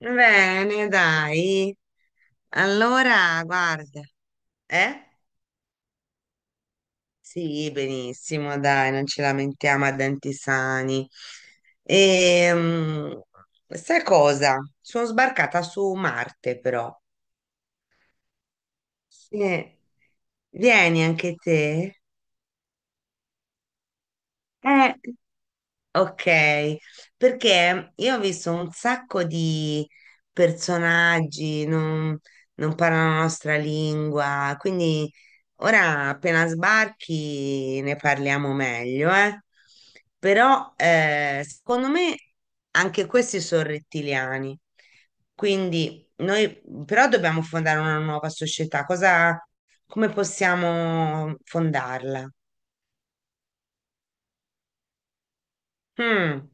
Bene, dai. Allora, guarda, eh? Sì, benissimo, dai, non ci lamentiamo a denti sani. Ehm, Sai cosa? Sono sbarcata su Marte, però. Sì. Vieni anche te. Eh. Ok, perché io ho visto un sacco di personaggi, non parlano la nostra lingua, quindi ora appena sbarchi ne parliamo meglio, eh. Però secondo me anche questi sono rettiliani, quindi noi però dobbiamo fondare una nuova società, cosa, come possiamo fondarla? Mm.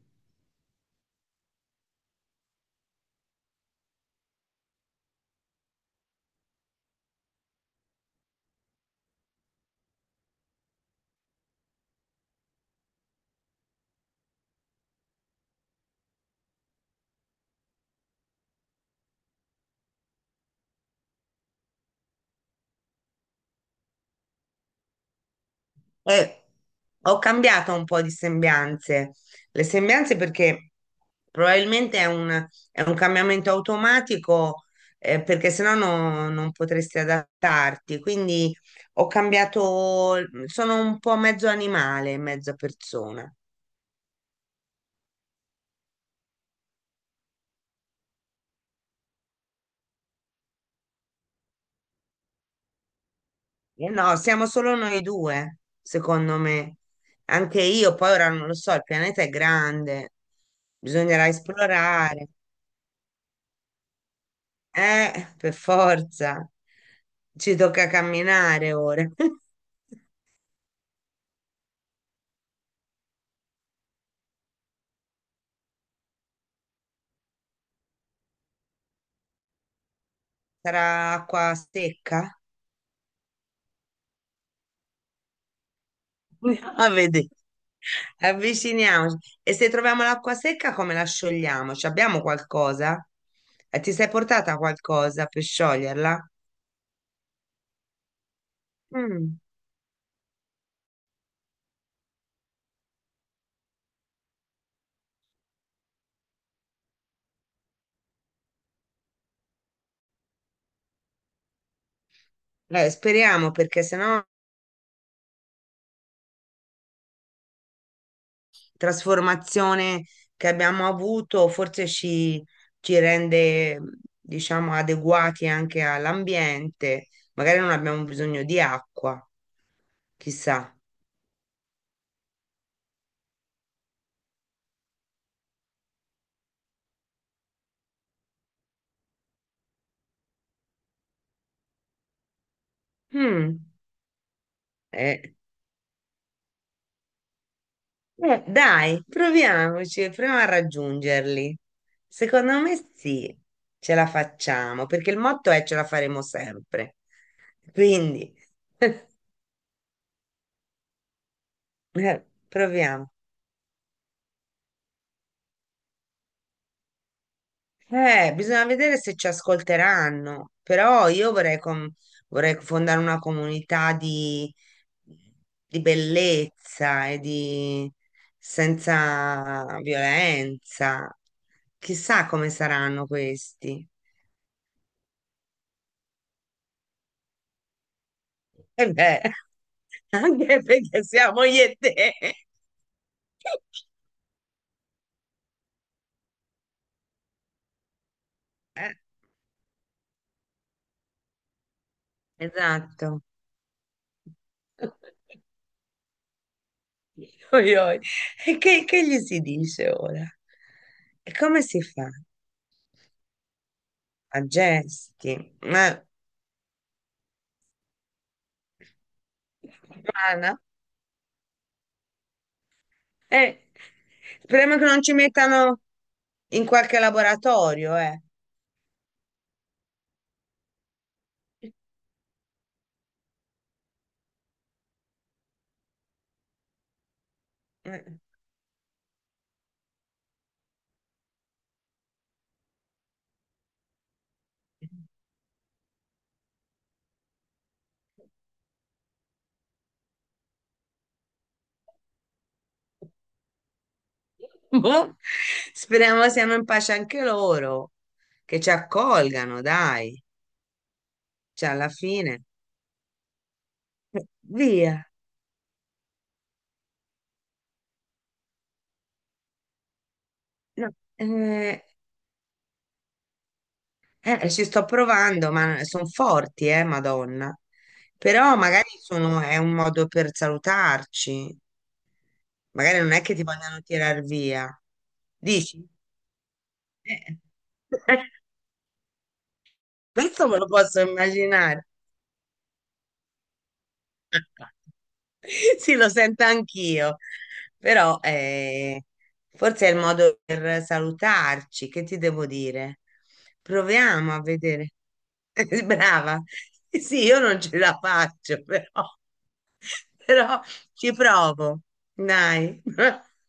Eh, ho cambiato un po' di sembianze. Le sembianze perché probabilmente è un cambiamento automatico, perché sennò non potresti adattarti. Quindi ho cambiato, sono un po' mezzo animale, mezza persona. Eh no, siamo solo noi due, secondo me. Anche io, poi ora non lo so, il pianeta è grande, bisognerà esplorare. Per forza. Ci tocca camminare ora. Sarà acqua secca? A vedere. Avviciniamoci. E se troviamo l'acqua secca, come la sciogliamo? Ci abbiamo qualcosa? Ti sei portata qualcosa per scioglierla? Mm. Speriamo perché sennò trasformazione che abbiamo avuto forse ci rende, diciamo, adeguati anche all'ambiente. Magari non abbiamo bisogno di acqua, chissà. Mm, eh, dai, proviamoci, proviamo a raggiungerli. Secondo me sì, ce la facciamo, perché il motto è ce la faremo sempre. Quindi, proviamo. Bisogna vedere se ci ascolteranno, però io vorrei, vorrei fondare una comunità di bellezza e di senza violenza. Chissà come saranno questi. E beh, anche perché siamo io e te. Eh, esatto. Oi, oi. E che gli si dice ora? E come si fa? A gesti. Ma guarda, eh, speriamo che non ci mettano in qualche laboratorio, eh. Eh, boh. Speriamo siano in pace anche loro, che ci accolgano, dai. Cioè, alla fine, via. No, eh, ci sto provando, ma sono forti, Madonna. Però magari sono, è un modo per salutarci. Magari non è che ti vogliono tirar via. Dici? Eh, questo me lo posso immaginare. Sì, lo sento anch'io, però forse è il modo per salutarci. Che ti devo dire? Proviamo a vedere. Brava. Sì, io non ce la faccio, però, però ci provo. Dai.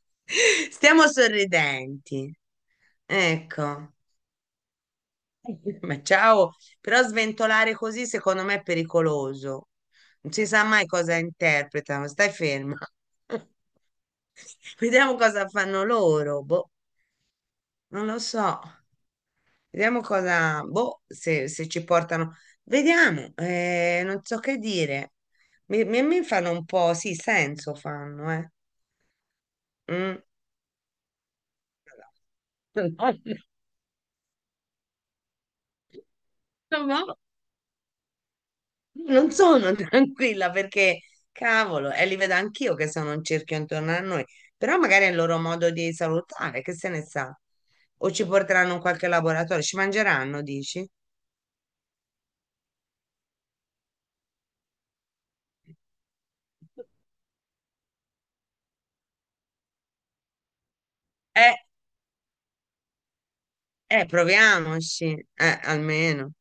Stiamo sorridenti. Ecco. Ma ciao, però sventolare così secondo me è pericoloso. Non si sa mai cosa interpretano, stai ferma. Vediamo cosa fanno loro, boh, non lo so. Vediamo cosa, boh, se ci portano. Vediamo, non so che dire. Mi fanno un po', sì, senso fanno, eh. Mm. No, no. Non sono tranquilla perché, cavolo, e li vedo anch'io che sono un cerchio intorno a noi, però magari è il loro modo di salutare, che se ne sa. O ci porteranno in qualche laboratorio, ci mangeranno, dici? Eh, proviamoci, almeno.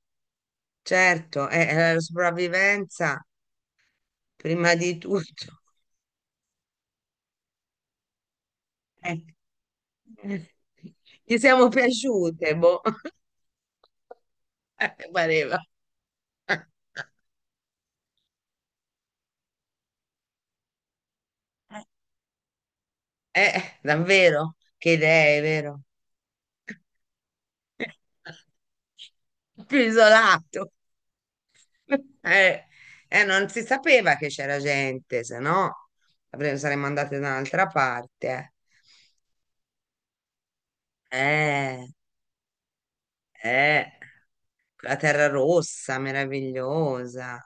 Certo, è la sopravvivenza prima di tutto. Eh, eh, Gli siamo piaciute, boh. Pareva. Eh, davvero, che idee, vero? Più isolato. Eh, non si sapeva che c'era gente, se no saremmo andate da un'altra parte. Eh, eh, la Terra Rossa, meravigliosa.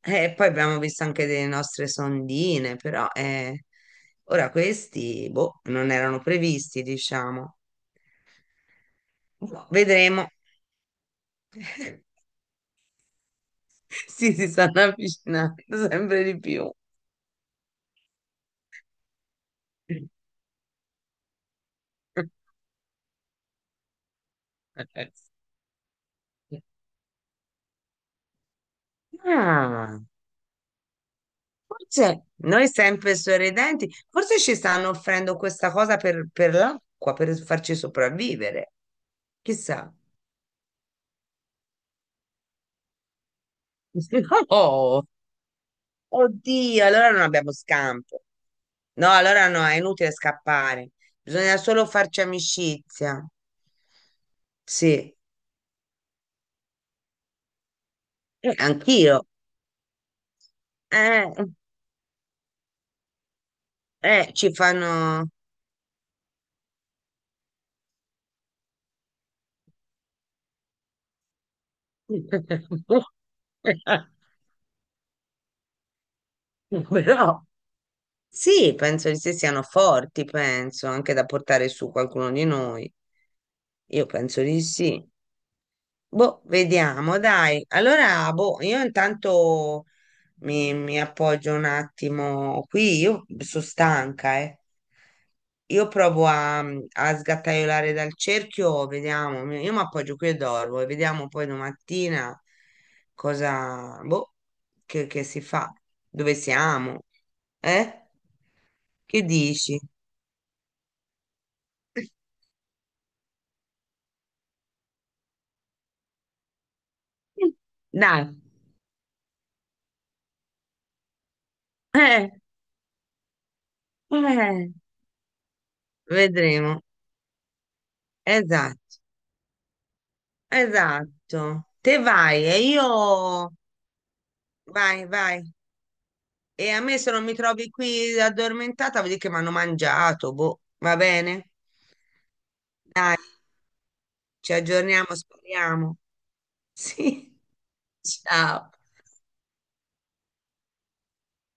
E poi abbiamo visto anche delle nostre sondine, però ora questi, boh, non erano previsti, diciamo. Boh, vedremo. Sì, si stanno avvicinando sempre di più. Ah, forse noi sempre sorridenti, forse ci stanno offrendo questa cosa per l'acqua, per farci sopravvivere. Chissà. Oh, oddio, allora non abbiamo scampo. No, allora no, è inutile scappare. Bisogna solo farci amicizia. Sì, anch'io. Eh, ci fanno... Però sì, penso di sì, siano forti, penso, anche da portare su qualcuno di noi. Io penso di sì. Boh, vediamo, dai. Allora, boh, io intanto mi appoggio un attimo qui, io sono stanca, eh. Io provo a sgattaiolare dal cerchio, vediamo, io mi appoggio qui e dormo e vediamo poi domattina cosa, boh, che si fa, dove siamo, eh? Che dici? Dai, eh, eh, vedremo, esatto. Esatto, te vai e io vai, vai. E a me se non mi trovi qui addormentata, vuol dire che mi hanno mangiato, boh, va bene? Ci aggiorniamo, speriamo. Sì, ciao.